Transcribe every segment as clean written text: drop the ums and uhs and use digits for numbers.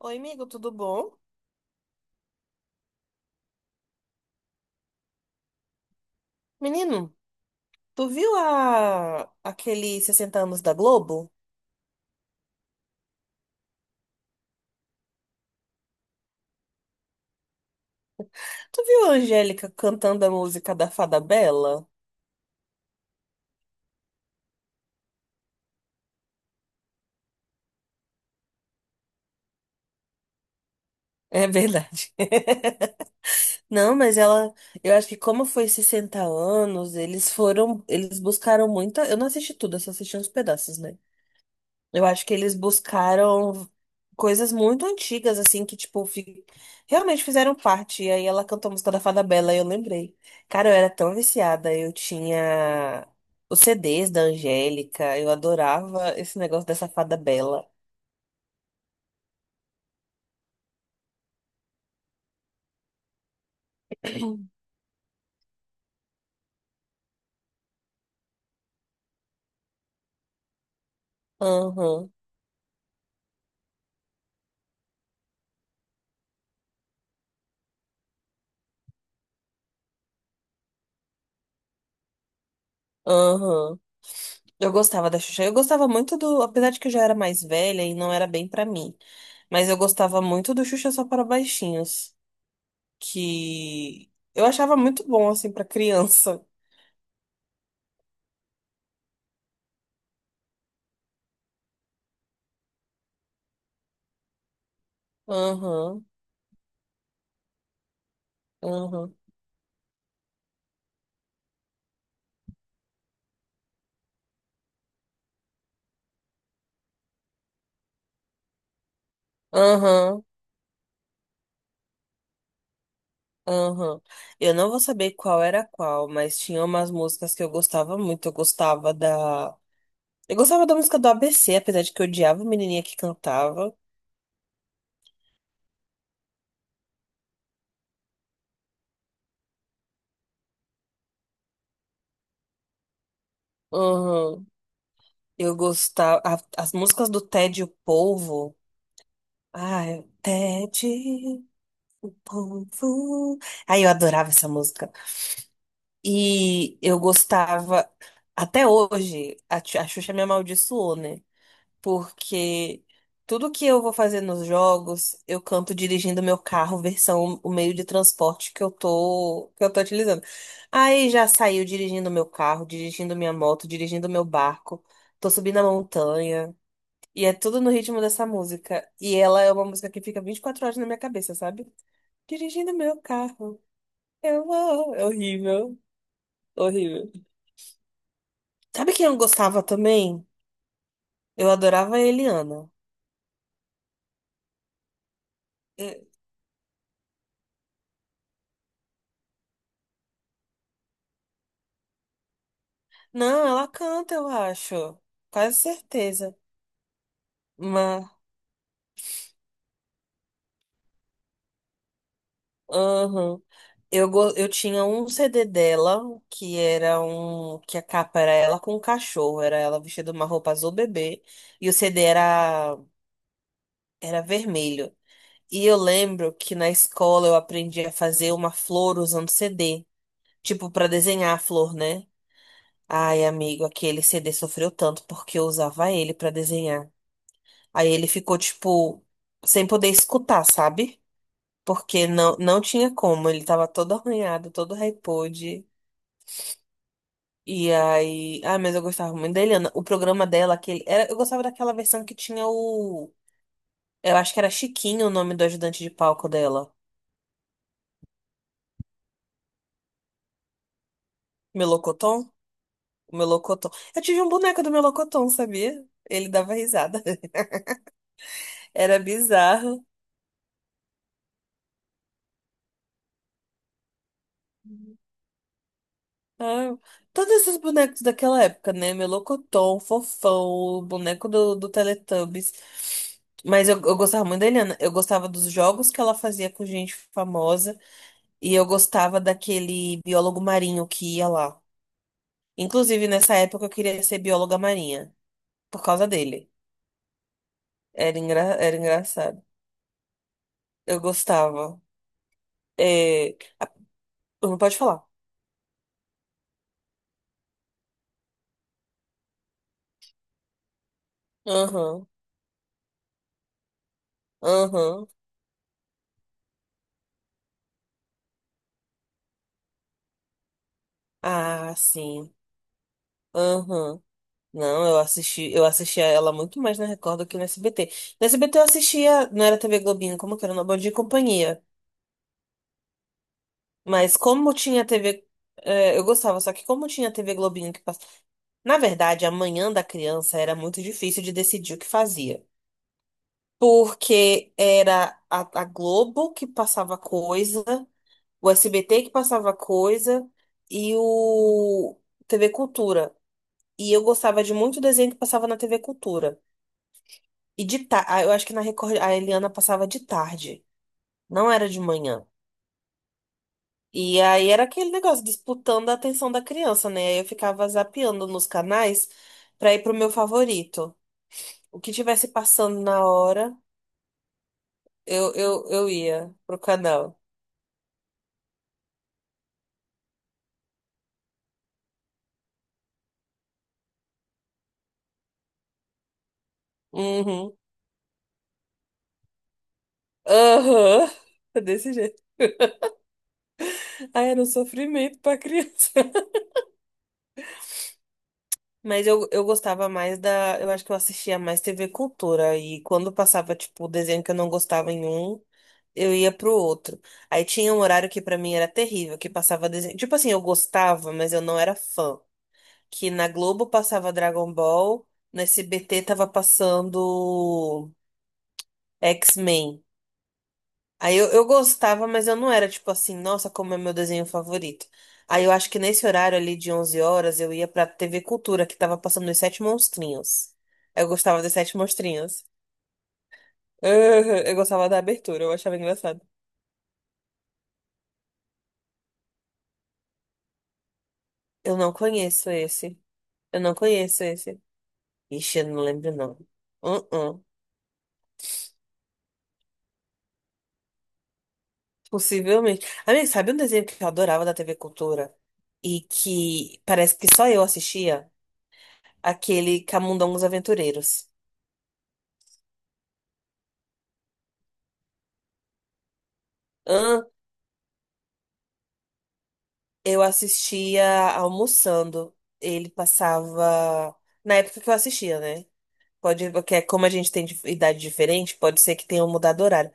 Oi, amigo, tudo bom? Menino, tu viu aquele 60 anos da Globo? Tu viu a Angélica cantando a música da Fada Bela? É verdade. Não, mas ela, eu acho que como foi 60 anos, eles buscaram muita, eu não assisti tudo, eu só assisti uns pedaços, né? Eu acho que eles buscaram coisas muito antigas, assim, que, tipo, realmente fizeram parte. E aí ela cantou a música da Fada Bela, e eu lembrei. Cara, eu era tão viciada. Eu tinha os CDs da Angélica, eu adorava esse negócio dessa Fada Bela. Aham, aham. Eu gostava da Xuxa. Eu gostava muito do. Apesar de que eu já era mais velha e não era bem pra mim. Mas eu gostava muito do Xuxa Só para Baixinhos. Que eu achava muito bom, assim, pra criança. Aham. Aham, aham, aham. Eu não vou saber qual era qual, mas tinha umas músicas que eu gostava muito. Eu gostava da. Eu gostava da música do ABC, apesar de que eu odiava a menininha que cantava. Aham. Eu gostava. As músicas do Ted e o Polvo. Ai, Ted e o Polvo. Ai, eu adorava essa música. E eu gostava. Até hoje, a Xuxa me amaldiçoou, né? Porque tudo que eu vou fazer nos jogos, eu canto dirigindo meu carro, versão o meio de transporte que eu tô utilizando. Aí já saiu dirigindo meu carro, dirigindo minha moto, dirigindo meu barco, tô subindo a montanha, e é tudo no ritmo dessa música. E ela é uma música que fica 24 horas na minha cabeça, sabe? Dirigindo meu carro. Eu vou. É horrível, horrível. Sabe quem eu gostava também? Eu adorava a Eliana. Não, ela canta, eu acho. Quase certeza. Mas, aham. Eu tinha um CD dela, que era um. Que a capa era ela com um cachorro. Era ela vestida de uma roupa azul bebê. E o CD era vermelho. E eu lembro que na escola eu aprendi a fazer uma flor usando CD. Tipo, pra desenhar a flor, né? Ai, amigo, aquele CD sofreu tanto porque eu usava ele pra desenhar. Aí ele ficou, tipo, sem poder escutar, sabe? Porque não tinha como, ele tava todo arranhado, todo repode. E aí. Ah, mas eu gostava muito da Eliana. O programa dela, aquele. Era, eu gostava daquela versão que tinha o. Eu acho que era Chiquinho o nome do ajudante de palco dela. Melocoton? O Melocoton. Eu tive um boneco do Melocoton, sabia? Ele dava risada. Era bizarro. Ah, todos esses bonecos daquela época, né? Melocotão, Fofão, o boneco do Teletubbies. Mas eu gostava muito da Eliana. Eu gostava dos jogos que ela fazia com gente famosa. E eu gostava daquele biólogo marinho que ia lá. Inclusive, nessa época, eu queria ser bióloga marinha. Por causa dele. Era engraçado. Eu gostava. É... ah, Não pode falar. Aham, aham. Ah, sim. Aham. Não, eu assisti, eu assistia ela muito mais na Record do que no SBT. No SBT eu assistia, não era TV Globinho, como que era, no Bom Dia e Companhia. Mas como tinha TV, é, eu gostava, só que como tinha TV Globinho que passava. Na verdade, a manhã da criança era muito difícil de decidir o que fazia. Porque era a Globo que passava coisa, o SBT que passava coisa e o TV Cultura. E eu gostava de muito desenho que passava na TV Cultura. E de tarde, eu acho que na Record a Eliana passava de tarde, não era de manhã. E aí era aquele negócio disputando a atenção da criança, né? Aí eu ficava zapeando nos canais pra ir pro meu favorito. O que tivesse passando na hora, eu ia pro canal. Uhum. Aham. Desse jeito. Ah, era um sofrimento pra criança. Mas eu gostava mais da. Eu acho que eu assistia mais TV Cultura. E quando passava, tipo, o desenho que eu não gostava em um. Eu ia pro outro. Aí tinha um horário que pra mim era terrível, que passava desenho. Tipo assim, eu gostava, mas eu não era fã. Que na Globo passava Dragon Ball, no SBT tava passando X-Men. Aí eu gostava, mas eu não era tipo assim, nossa, como é meu desenho favorito. Aí eu acho que nesse horário ali de 11 horas eu ia pra TV Cultura, que tava passando Os Sete Monstrinhos. Eu gostava dos Sete Monstrinhos. Eu gostava da abertura, eu achava engraçado. Eu não conheço esse. Eu não conheço esse. Ixi, eu não lembro, não. Uh-uh. Possivelmente. Amiga, sabe um desenho que eu adorava da TV Cultura? E que parece que só eu assistia? Aquele Camundongos Aventureiros. Hã? Eu assistia almoçando. Ele passava. Na época que eu assistia, né? Pode, porque é como a gente tem idade diferente, pode ser que tenha mudado o horário.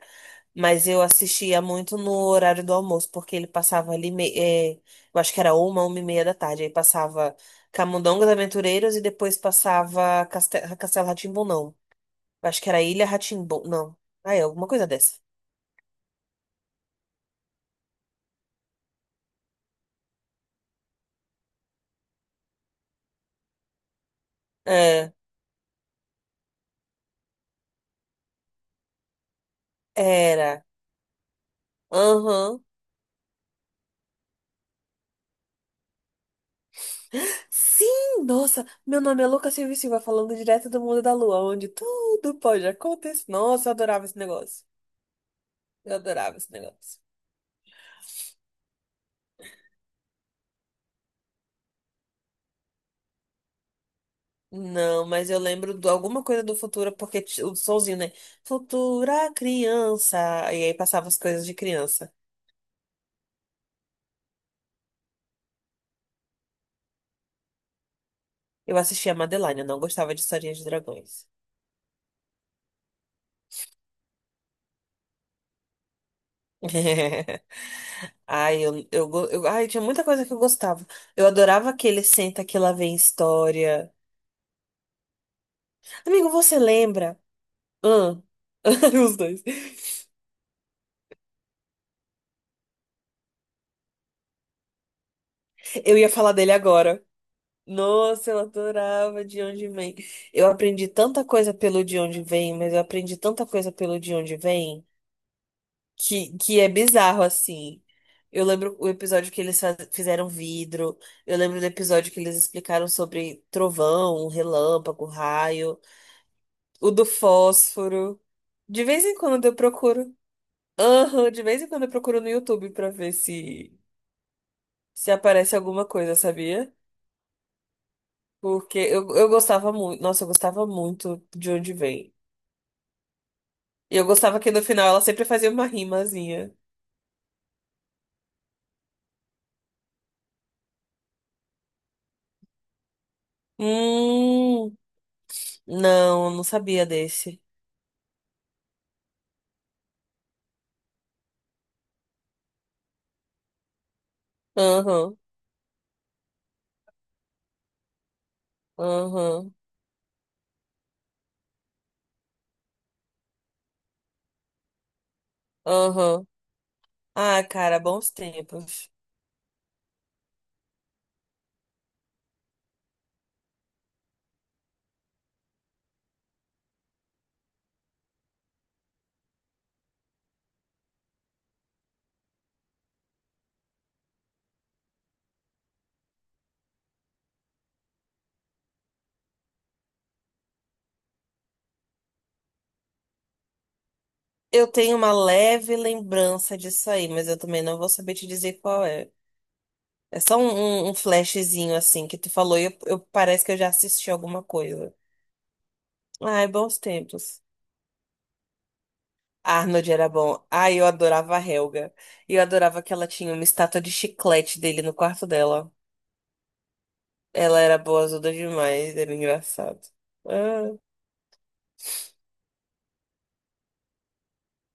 Mas eu assistia muito no horário do almoço, porque ele passava ali, eu acho que era uma e meia da tarde. Aí passava Camundongos Aventureiros e depois passava Castelo rá tim não. Eu acho que era Ilha rá tim não. Ah, é, alguma coisa dessa. É, era. Aham. Sim, nossa, meu nome é Lucas Silva e Silva, falando direto do mundo da lua, onde tudo pode acontecer. Nossa, eu adorava esse negócio. Eu adorava esse negócio. Não, mas eu lembro de alguma coisa do Futura, porque o sonzinho, né? Futura criança. E aí passava as coisas de criança. Eu assistia a Madeline, eu não gostava de historinhas de dragões. Ai, ai, tinha muita coisa que eu gostava. Eu adorava aquele Senta que lá vem história. Amigo, você lembra? Hã? Os dois. Eu ia falar dele agora. Nossa, eu adorava De Onde Vem. Eu aprendi tanta coisa pelo De Onde Vem, mas eu aprendi tanta coisa pelo De Onde Vem. Que é bizarro, assim. Eu lembro o episódio que eles fizeram vidro. Eu lembro do episódio que eles explicaram sobre trovão, relâmpago, raio. O do fósforo. De vez em quando eu procuro. Aham, de vez em quando eu procuro no YouTube pra ver se aparece alguma coisa, sabia? Porque eu gostava muito. Nossa, eu gostava muito de onde vem. E eu gostava que no final ela sempre fazia uma rimazinha. Hum, não, eu não sabia desse. Aham. Aham, aham. Ah, cara, bons tempos. Eu tenho uma leve lembrança disso aí, mas eu também não vou saber te dizer qual é. É só um flashzinho assim que tu falou e parece que eu já assisti alguma coisa. Ai, bons tempos. Arnold era bom. Ai, eu adorava a Helga. E eu adorava que ela tinha uma estátua de chiclete dele no quarto dela. Ela era boazuda demais, era engraçado. Ah.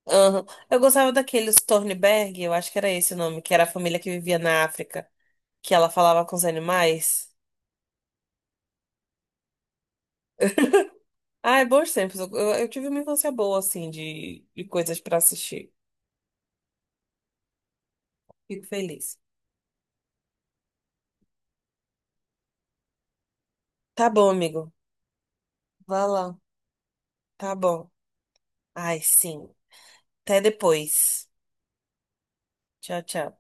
Aham. Eu gostava daqueles Tornberg, eu acho que era esse o nome, que era a família que vivia na África, que ela falava com os animais. Ah, é bons tempos. Eu tive uma infância boa, assim, de coisas pra assistir. Fico feliz. Tá bom, amigo. Vá lá. Tá bom. Ai, sim. Até depois. Tchau, tchau.